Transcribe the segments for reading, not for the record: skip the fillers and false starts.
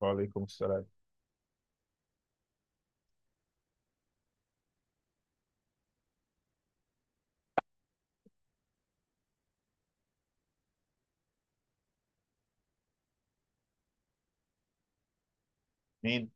وعليكم السلام. مين؟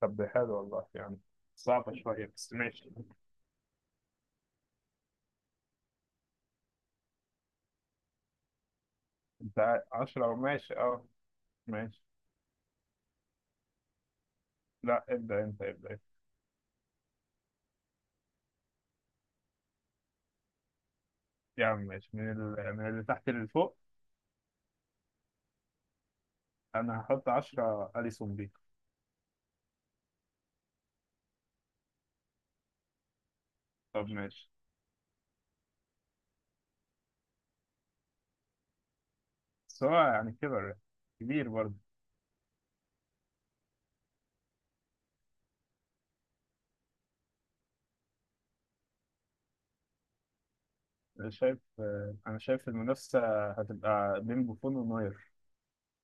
طب ده حلو والله، يعني صعبة شوية بس ماشي. انت عشرة؟ ماشي، اه، ماشي. لا، ابدأ انت، ابدأ انت. يا عم ماشي، من اللي تحت اللي فوق. انا هحط عشرة أليسون بيكو. طب ماشي. بس هو يعني كبر. كبير برضه. انا شايف المنافسة هتبقى بين بوفون ونوير.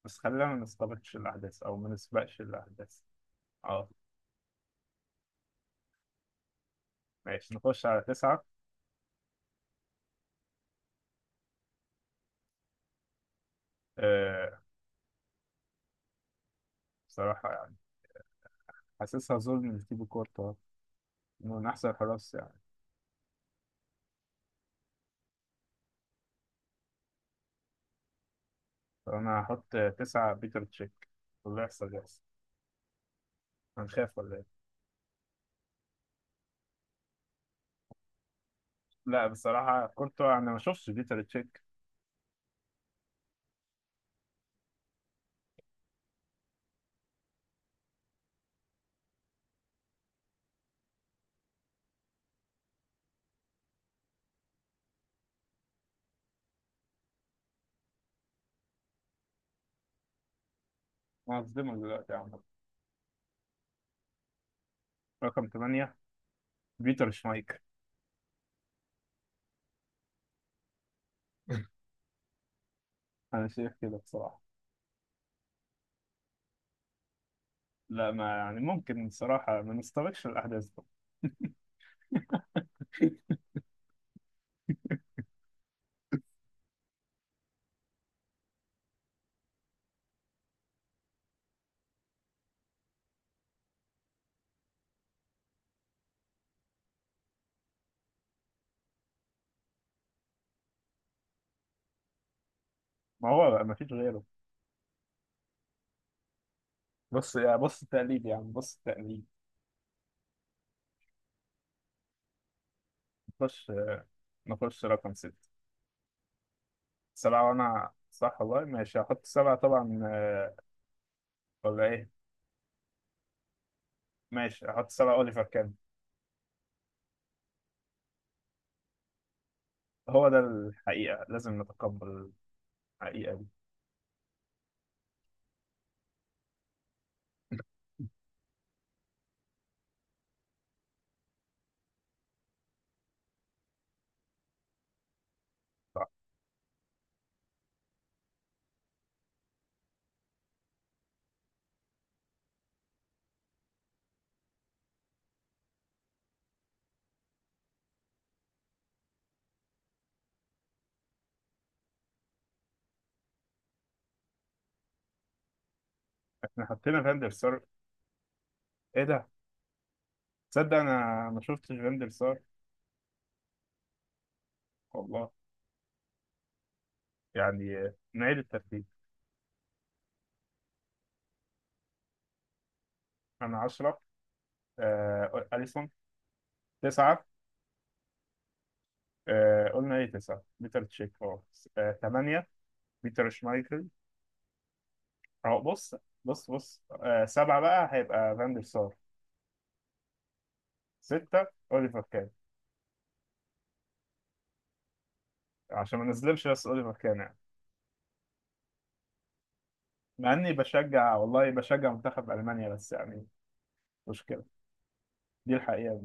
بس خلينا ما نستبقش الأحداث أو ما نسبقش الأحداث. اه، ماشي، نخش على تسعة. آه، بصراحة يعني حاسسها ظلم لتيبو كورتا. من أحسن الحراس يعني. فأنا هحط تسعة بيتر تشيك، واللي يحصل يحصل. هنخاف ولا إيه؟ لا، بصراحة كورتوا، أنا ما شفتش بيتر تشيك. أنا هصدمك دلوقتي يا عم. رقم تمانية. بيتر شمايكل. أنا شايف كده بصراحة. لا، ما يعني، ممكن بصراحة ما نستبقش الأحداث بقى. ما هو بقى ما فيش غيره. بص، يا بص التقليد يا عم، بص التقليد. نخش نخش رقم ستة. سبعة وأنا صح والله. ماشي، هحط سبعة طبعا، ولا إيه؟ ماشي، هحط سبعة أوليفر كان. هو ده الحقيقة، لازم نتقبل الحقيقة دي. صح. احنا حطينا فاندر سار؟ ايه ده؟ تصدق انا ما شفتش فاندر سار. والله، يعني نعيد الترتيب. انا 10. آه، اليسون. 9. آه، قلنا ايه، 9 بيتر تشيك، اه. 8. بيتر شمايكل. اه، بص بص بص، 7 بقى هيبقى فاندر سار. 6 اوليفر كان. عشان ما نظلمش، بس اوليفر كان يعني، مع اني بشجع، والله بشجع منتخب المانيا، بس يعني مشكلة. دي الحقيقة.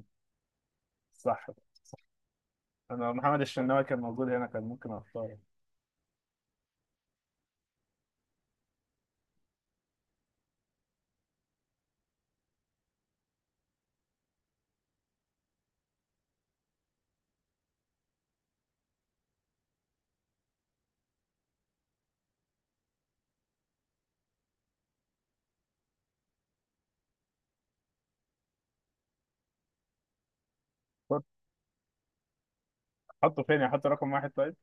صح. صح. انا محمد الشناوي كان موجود هنا كان ممكن اختاره. كنت احطه فين؟ احط رقم واحد طيب.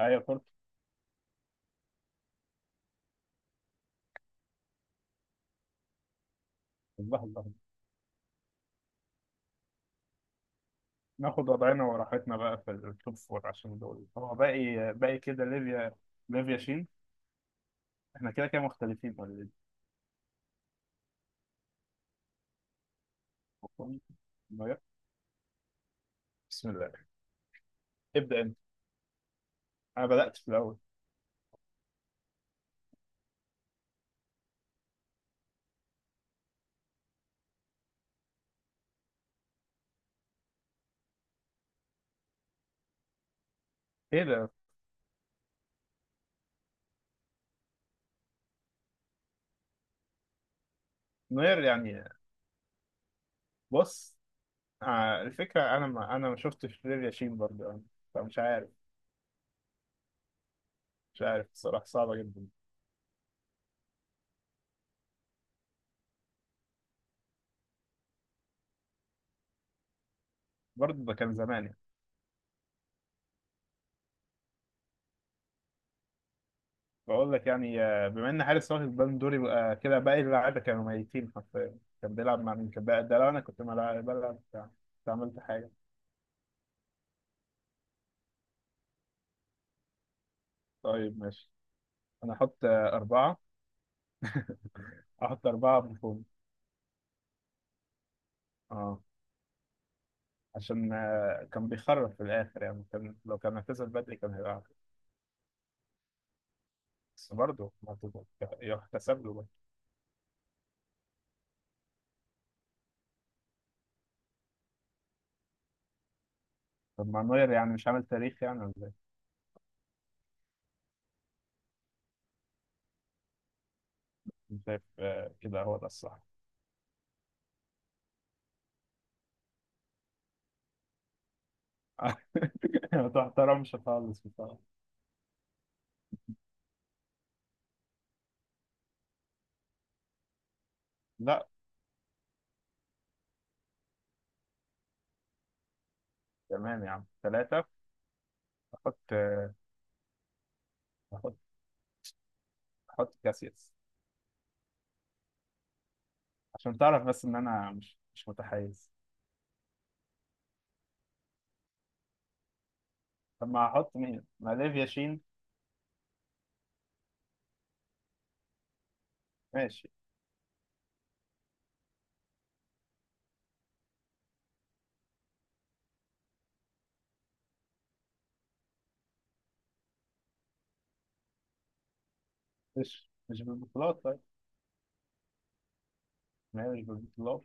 ايوه كنت. الله، الله. ناخد وضعنا وراحتنا بقى في التوب فور، عشان دول هو باقي كده ليفيا، ليفيا شين. احنا كده كده مختلفين ولا إيه؟ نوير. بسم الله. ابدا انت. انا بدات في الاول. ايه ده؟ نوير يعني؟ بص، آه، الفكره، انا ما شفتش ليفيا شين برضه يعني. فمش عارف. مش عارف الصراحه، صعبه جدا. برضه ده كان زمان. بقول لك يعني، بما ان حارس واخد بالون دور، يبقى كده باقي اللعيبه كانوا ميتين حرفيا. كان بيلعب مع مين؟ ده لو انا كنت بلعب بتاع، كنت عملت حاجه. طيب ماشي. انا احط اربعه. احط اربعه بنفوذ. اه. عشان كان بيخرب في الاخر يعني، كان لو كان اعتزل بدري كان هيبقى أحسن. بس برضه، ما تبقى- يحتسب له برضه. طب ما نوير يعني مش عامل تاريخ يعني ولا ايه؟ أنا شايف كده هو ده الصح. ما تحترمش خالص بصراحه. لا. تمام يا عم، ثلاثه. احط آه، هحط هحط كاسياس. عشان تعرف بس ان انا مش متحيز. طب ما هحط مين؟ ما ليفيا شين. ماشي. مش بالبطولات طيب. ما هي مش بالبطولات.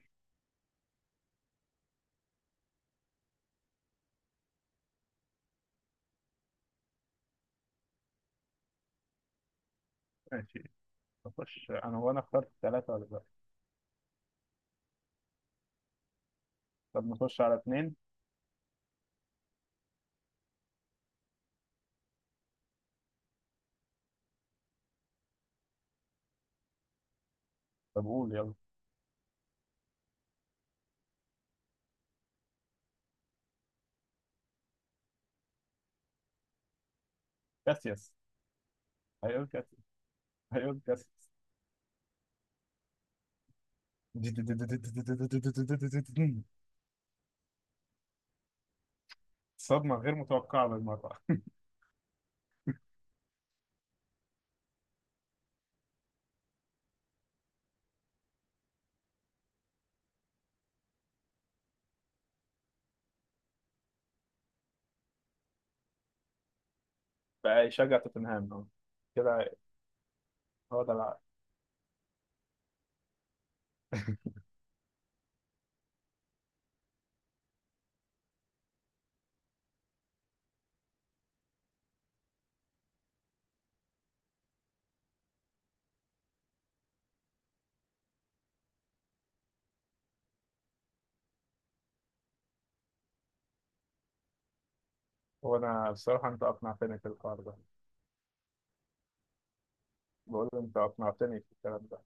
ماشي، نخش. انا وانا اخترت ثلاثة ولا لا؟ طب نخش على اثنين. طب قول يلا. كاسياس. هيقول كاسياس، هيقول كاسياس. صدمة غير متوقعة بالمرة. بقى يشجع توتنهام اهو، كده. هو ده الع- هو انا بصراحة انت اقنعتني في الحوار ده. بقول انت اقنعتني في الكلام ده.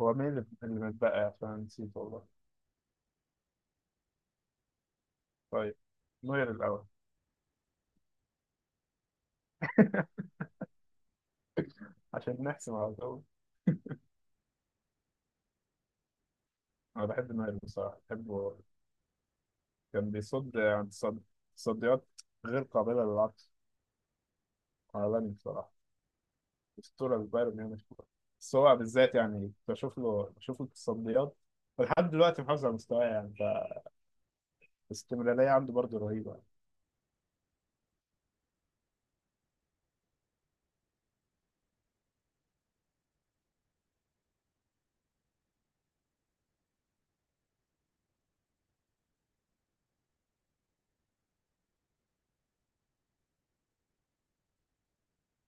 هو مين اللي متبقى، عشان نسيت والله. طيب، نوير الأول. عشان نحسم على الأول. أنا بحب نوير، بصراحة بحبه. كان بيصد عن تصديات غير قابلة للعكس. عالمي بصراحة، أسطورة لبايرن ميونخ. بس هو بالذات يعني، بشوف له التصديات. ولحد دلوقتي محافظ على مستواه يعني، فالاستمرارية عنده برضه رهيبة.